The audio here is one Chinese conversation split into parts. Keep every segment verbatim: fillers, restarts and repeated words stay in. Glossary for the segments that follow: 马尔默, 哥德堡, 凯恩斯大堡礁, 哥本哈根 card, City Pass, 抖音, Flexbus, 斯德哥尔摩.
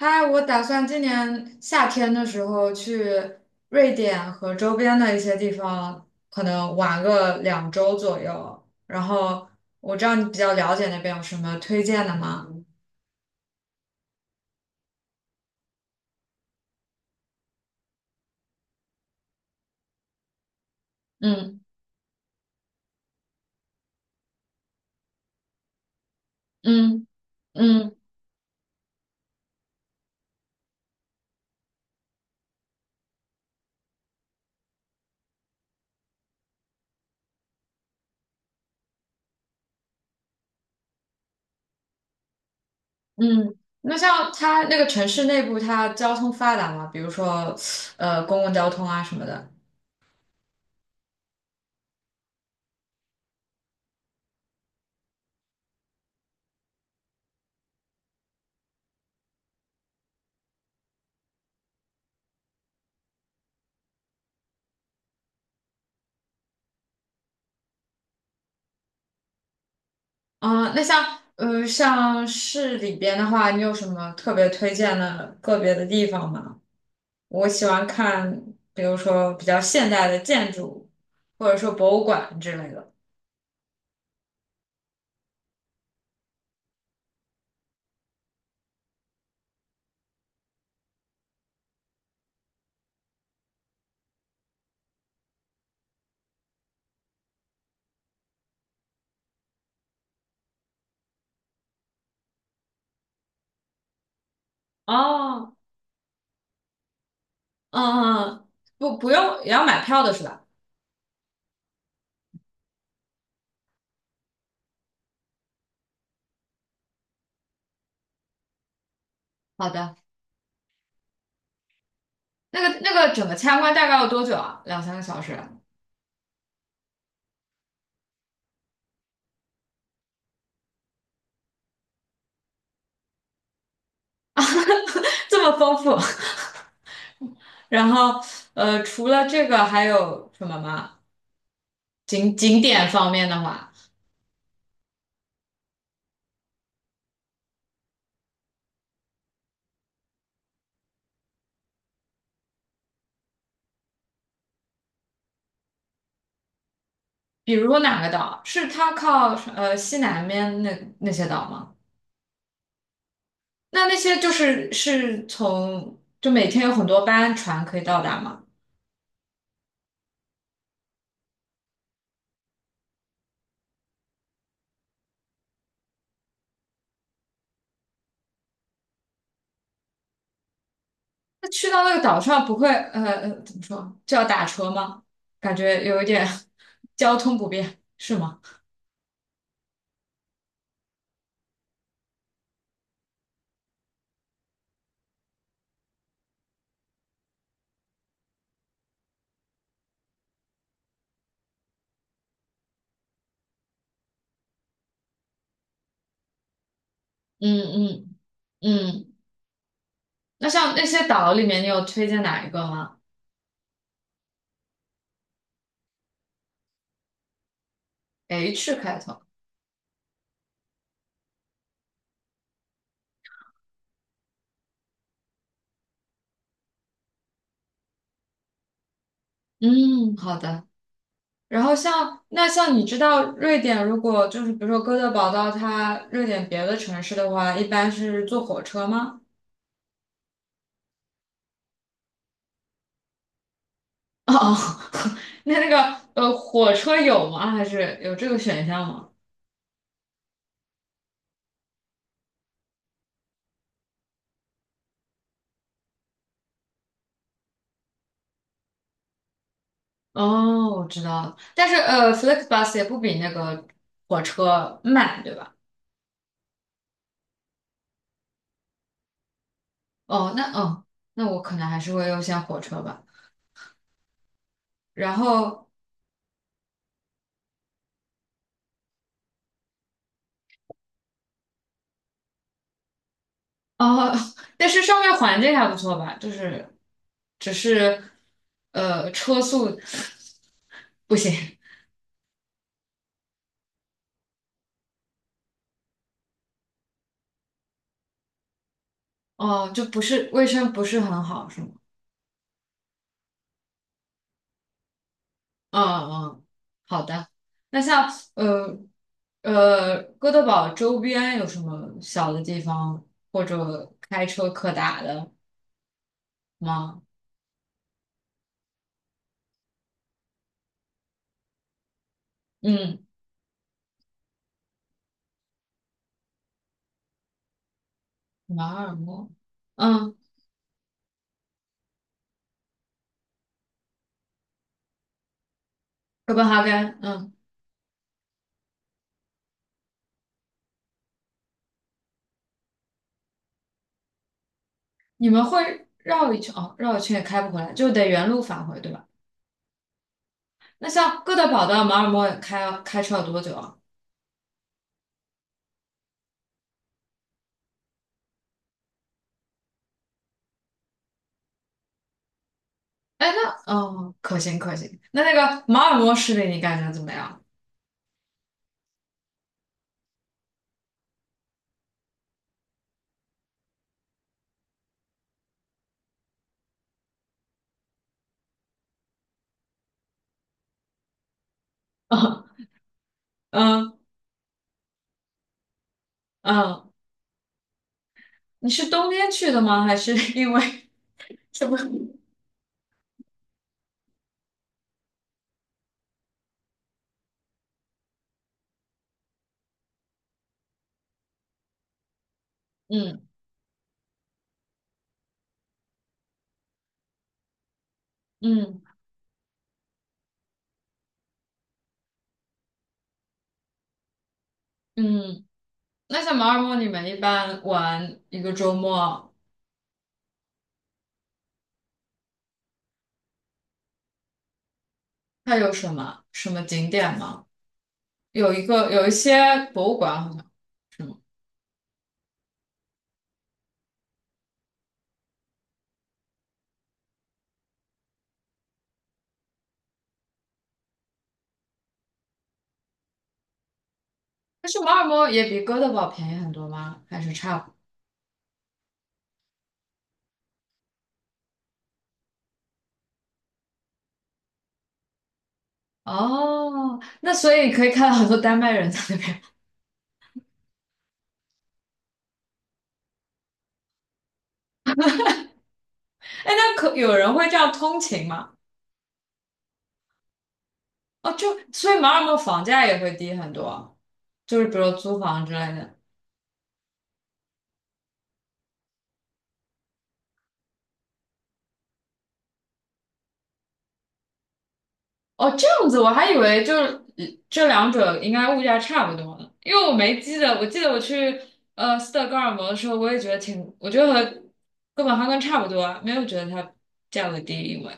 嗨，我打算今年夏天的时候去瑞典和周边的一些地方，可能玩个两周左右。然后我知道你比较了解那边有什么推荐的吗？嗯嗯嗯嗯。那像它那个城市内部，它交通发达吗？比如说，呃，公共交通啊什么的。啊、那像呃，像市里边的话，你有什么特别推荐的个别的地方吗？我喜欢看，比如说比较现代的建筑，或者说博物馆之类的。哦，嗯，嗯，嗯不，不用，也要买票的是吧？好的。那个那个整个参观大概要多久啊？两三个小时啊？这么丰富。然后呃，除了这个还有什么吗？景景点方面的话，比如说哪个岛？是它靠呃西南面那那些岛吗？那那些就是是从就每天有很多班船可以到达吗？那去到那个岛上不会呃呃怎么说就要打车吗？感觉有一点 交通不便，是吗？嗯嗯嗯。那像那些岛里面，你有推荐哪一个吗？H 开头。嗯，好的。然后像那像你知道瑞典，如果就是比如说哥德堡到它瑞典别的城市的话，一般是坐火车吗？哦，哦，那那个呃，火车有吗？还是有这个选项吗？哦，我知道了，但是呃 f l e x b u s 也不比那个火车慢，对吧？哦，那哦，那我可能还是会优先火车吧。然后哦，但是上面环境还不错吧？就是只是呃，车速不行哦，就不是卫生不是很好，是吗？嗯嗯，好的。那像呃呃，哥德堡周边有什么小的地方或者开车可打的吗？嗯，马尔默，嗯，哥本哈根，嗯，你们会绕一圈哦，绕一圈也开不回来，就得原路返回，对吧？那像哥德堡到马尔默开开车要多久啊？哎，那哦，可行可行。那那个马尔默市里你感觉怎么样？嗯嗯嗯。你是冬天去的吗？还是 因为什么？嗯嗯嗯，那像马尔默，你们一般玩一个周末，它有什么什么景点吗？有一个有一些博物馆好像是吗？但是马尔默也比哥德堡便宜很多吗？还是差不多哦，那所以可以看到很多丹麦人在那边。哎，那可有人会这样通勤吗？哦，就所以马尔默房价也会低很多，就是比如租房之类的。哦，这样子，我还以为就是嗯这两者应该物价差不多呢，因为我没记得，我记得我去呃斯德哥尔摩的时候，我也觉得挺，我觉得和哥本哈根差不多啊，没有觉得它价格低，因为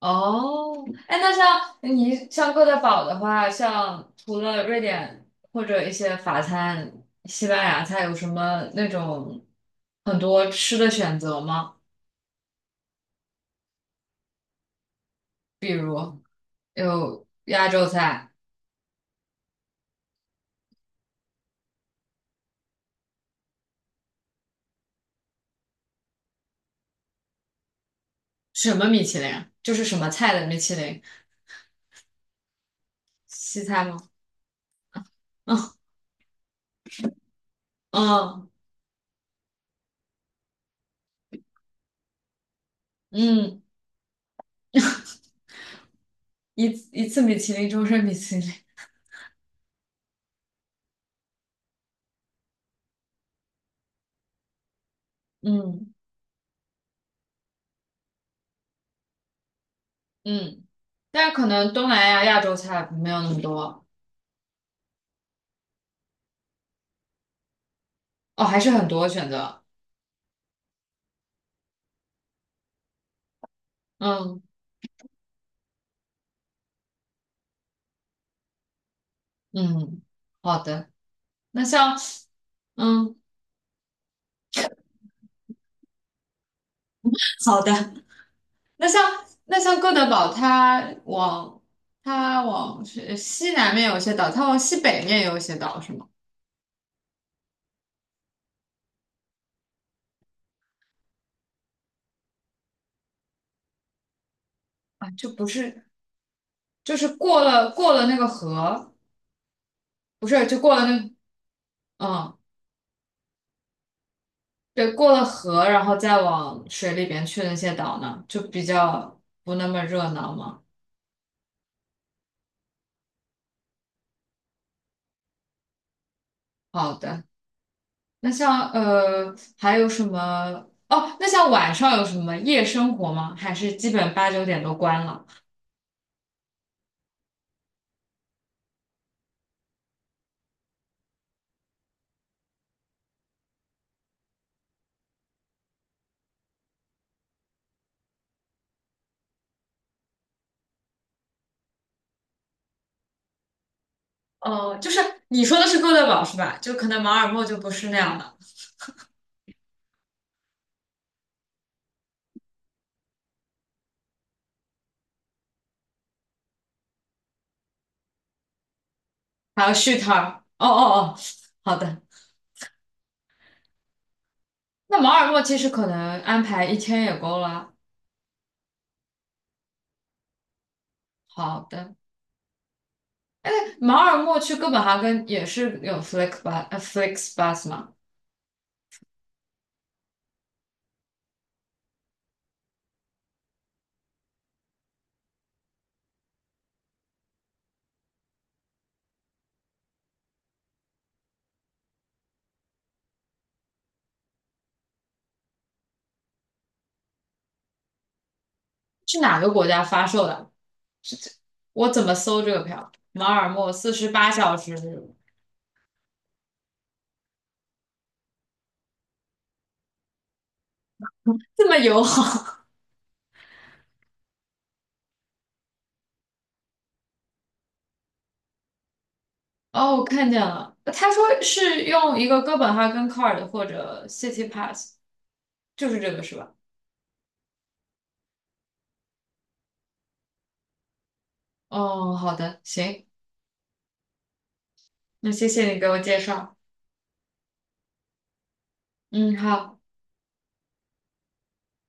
哦，哎，那像你像哥德堡的话，像除了瑞典或者一些法餐、西班牙菜，有什么那种很多吃的选择吗？比如有亚洲菜。什么米其林？就是什么菜的米其林？西餐吗？嗯嗯嗯，一一次米其林，终身米其林。嗯嗯，但是可能东南亚亚洲菜没有那么多哦，还是很多选择。嗯嗯，好的。那像嗯好的，那像那像哥德堡，它往它往是西南面有一些岛，它往西北面有一些岛，是吗？啊，就不是，就是过了过了那个河。不是，就过了那，嗯，对，过了河，然后再往水里边去那些岛呢，就比较不那么热闹嘛。好的，那像呃，还有什么？哦，那像晚上有什么夜生活吗？还是基本八九点都关了？哦，就是你说的是哥德堡是吧？就可能马尔默就不是那样的。还有续摊儿？哦哦哦，好的。那马尔默其实可能安排一天也够了。好的。马尔默去哥本哈根也是有 Flix bus 呃 Flix bus 吗？是哪个国家发售的？是这，我怎么搜这个票？马尔默四十八小时，这么友好。哦，我看见了，他说是用一个哥本哈根 card 或者 City Pass，就是这个是吧？哦，好的，行，那谢谢你给我介绍。嗯，好。